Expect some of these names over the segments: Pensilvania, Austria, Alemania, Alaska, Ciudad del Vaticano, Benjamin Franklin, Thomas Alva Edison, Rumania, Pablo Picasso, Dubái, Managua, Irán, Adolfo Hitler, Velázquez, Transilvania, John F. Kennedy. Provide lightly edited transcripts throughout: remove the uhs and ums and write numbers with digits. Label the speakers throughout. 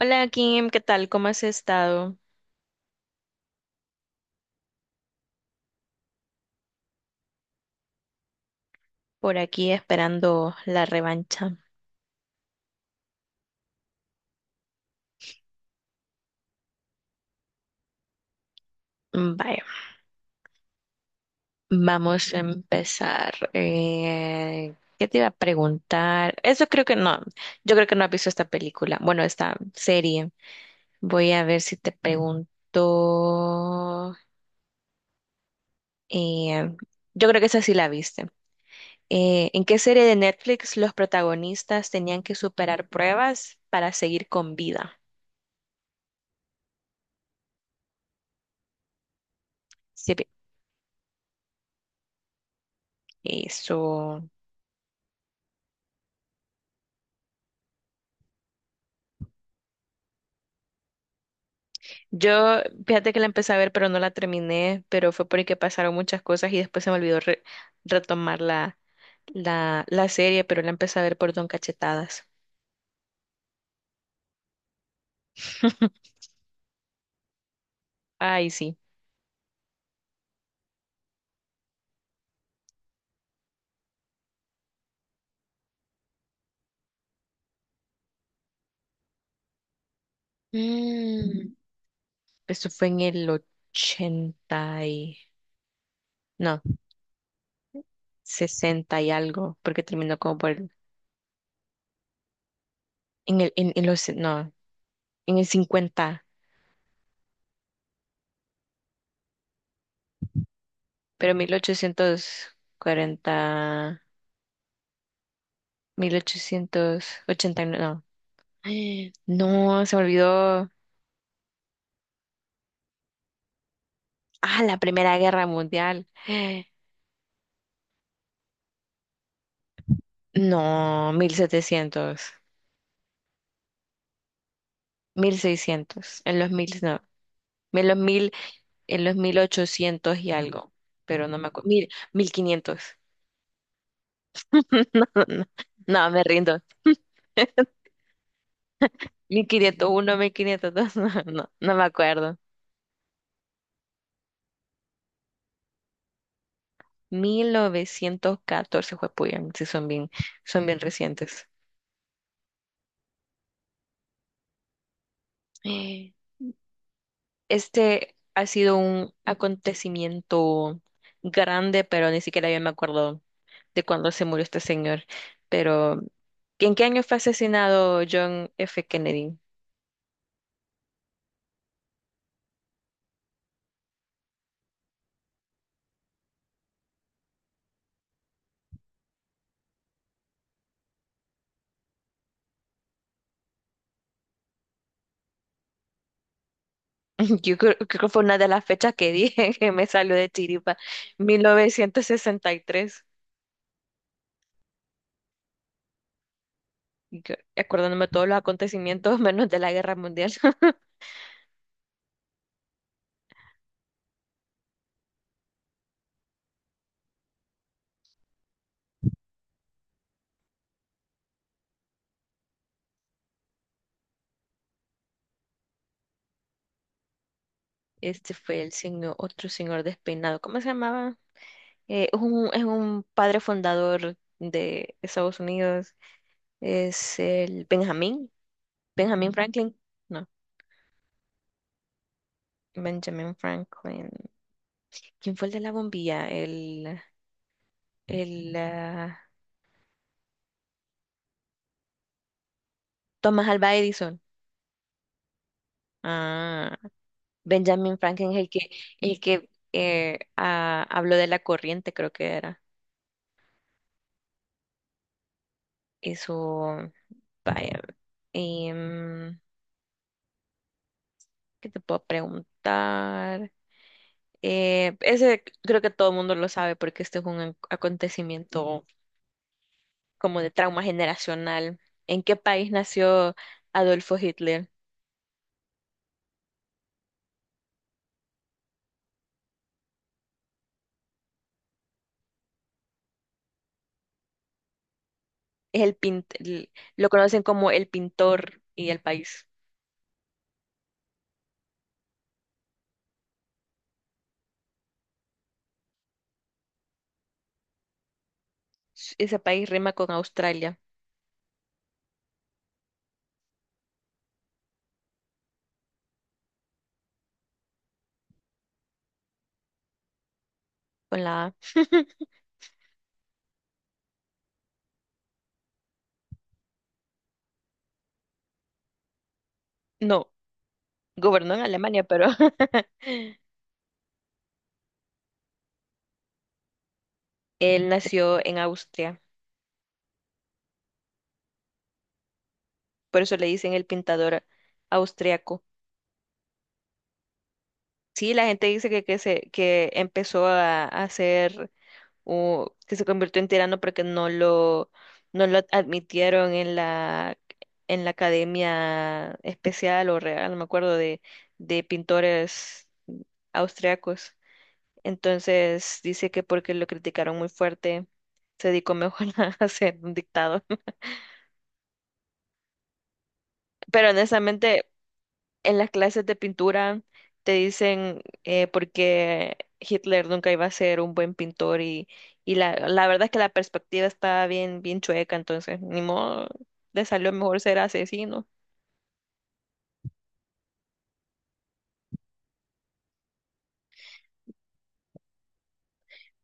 Speaker 1: Hola Kim, ¿qué tal? ¿Cómo has estado? Por aquí esperando la revancha. Vaya, vamos a empezar. ¿Qué te iba a preguntar? Eso creo que no. Yo creo que no has visto esta película. Bueno, esta serie. Voy a ver si te pregunto. eh, yo creo que esa sí la viste. ¿En qué serie de Netflix los protagonistas tenían que superar pruebas para seguir con vida? Sí, eso. Yo, fíjate que la empecé a ver, pero no la terminé, pero fue porque pasaron muchas cosas y después se me olvidó retomar la serie, pero la empecé a ver por Don Cachetadas. Ay, sí. Mm, Eso fue en el ochenta y... No, 60 y algo, porque terminó como por... En el, en los... No, en el cincuenta pero 1840... 1889... No, no, se me olvidó. Ah, la Primera Guerra Mundial. No, 1700, 1600. En los mil, en los 1800 y algo, pero no me acuerdo, mil quinientos. No, no, no, no, me rindo. 1501, 1502, no, no, no me acuerdo. 1914, Puyan, sí son bien recientes. Este ha sido un acontecimiento grande, pero ni siquiera yo me acuerdo de cuándo se murió este señor. Pero, ¿en qué año fue asesinado John F. Kennedy? Yo creo que fue una de las fechas que dije que me salió de chiripa, 1963. Y tres. Acordándome de todos los acontecimientos, menos de la guerra mundial. Este fue el señor, otro señor despeinado. ¿Cómo se llamaba? Es un padre fundador de Estados Unidos. Es el Benjamín Franklin. No, Benjamin Franklin. ¿Quién fue el de la bombilla? El ah, Thomas Alva Edison. Ah, Benjamin Franklin es el que habló de la corriente, creo que era. Eso, vaya. em, ¿qué te puedo preguntar? Ese creo que todo el mundo lo sabe porque este es un acontecimiento como de trauma generacional. ¿En qué país nació Adolfo Hitler? Es el pint, el- lo conocen como el pintor y el país. Ese país rima con Australia, con la A. No, gobernó en Alemania, pero él nació en Austria. Por eso le dicen el pintador austriaco. Sí, la gente dice que empezó a hacer o que se convirtió en tirano porque no lo admitieron en la academia especial o real, no me acuerdo, de pintores austriacos. Entonces dice que porque lo criticaron muy fuerte, se dedicó mejor a ser un dictador. Pero honestamente, en las clases de pintura te dicen por qué Hitler nunca iba a ser un buen pintor y la verdad es que la perspectiva está bien, bien chueca, entonces ni modo, le salió mejor ser asesino.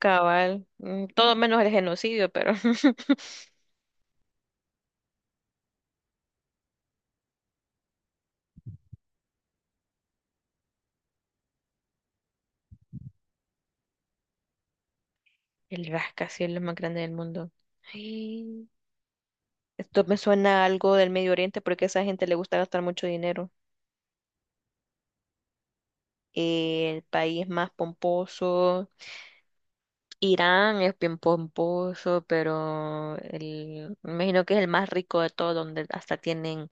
Speaker 1: Cabal, todo menos el genocidio, pero el rascacielos es lo más grande del mundo. Ay, esto me suena a algo del Medio Oriente porque a esa gente le gusta gastar mucho dinero. El país más pomposo, Irán es bien pomposo, pero me imagino que es el más rico de todo, donde hasta tienen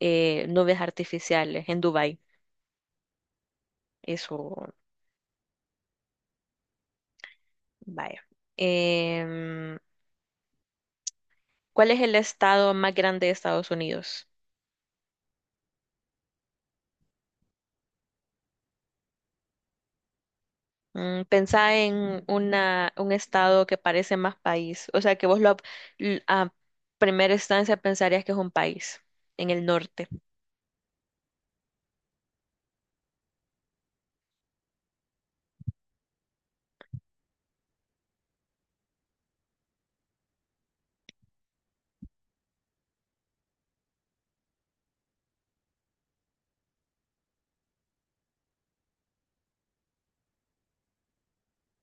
Speaker 1: nubes artificiales en Dubái. Eso, vaya. Em, ¿cuál es el estado más grande de Estados Unidos? Pensá en un estado que parece más país, o sea que vos a primera instancia pensarías que es un país en el norte.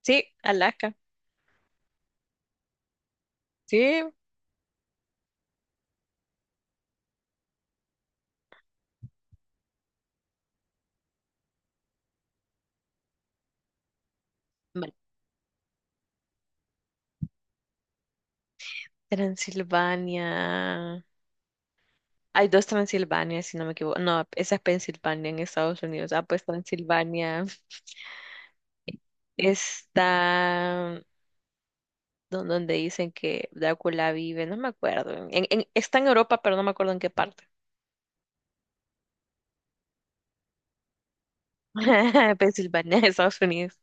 Speaker 1: Sí, Alaska. Sí, vale. Transilvania. Hay dos Transilvania, si no me equivoco. No, esa es Pensilvania en Estados Unidos. Ah, pues Transilvania está donde dicen que Drácula vive, no me acuerdo. Está en Europa, pero no me acuerdo en qué parte. Pensilvania, Estados Unidos.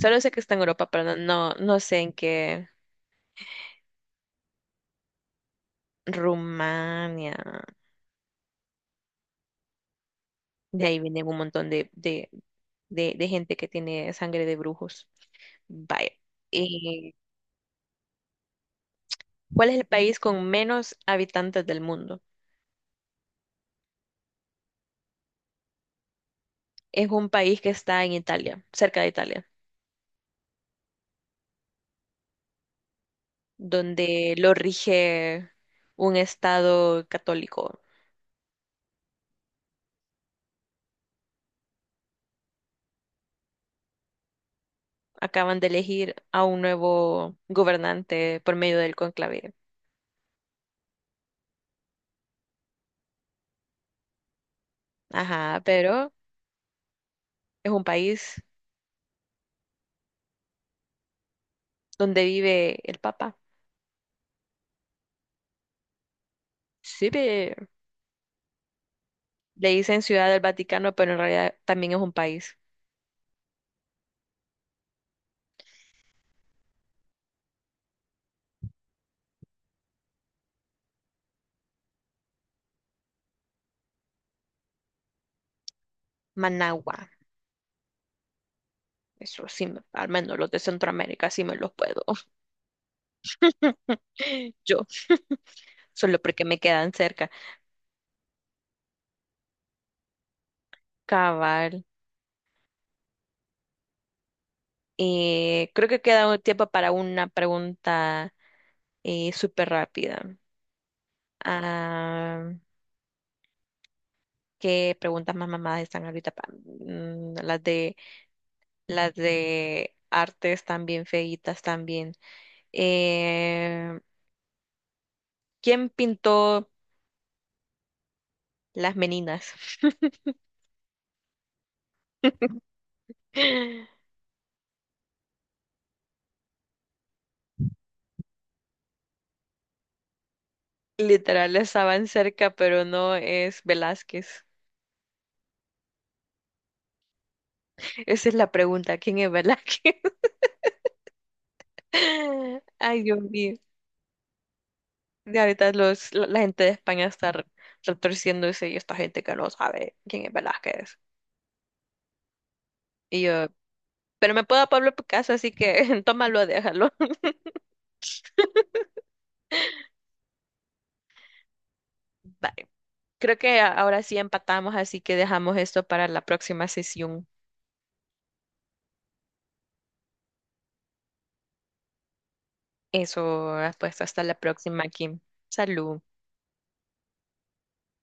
Speaker 1: Solo sé que está en Europa, pero no sé en qué. Rumania. De ahí viene un montón de gente que tiene sangre de brujos. Vaya. Eh, ¿cuál es el país con menos habitantes del mundo? Es un país que está en Italia, cerca de Italia, donde lo rige un estado católico. Acaban de elegir a un nuevo gobernante por medio del conclave. Ajá, pero es un país donde vive el Papa. Sí, ve. Le dicen Ciudad del Vaticano, pero en realidad también es un país. Managua. Eso sí, al menos los de Centroamérica sí me los puedo. Yo, solo porque me quedan cerca. Cabal. Creo que queda un tiempo para una pregunta súper rápida. Ah, ¿qué preguntas más mamadas están ahorita? Las de artes también feitas también. Eh, ¿quién pintó las meninas? Literal, estaban cerca, pero no es Velázquez. Esa es la pregunta, ¿quién es Velázquez? Ay, Dios mío. Y ahorita la gente de España está retorciéndose y esta gente que no sabe quién es Velázquez. Y yo, pero me puedo a Pablo Picasso, así que tómalo, déjalo. Bye. Creo que ahora sí empatamos, así que dejamos esto para la próxima sesión. Eso, pues hasta la próxima, Kim. Salud.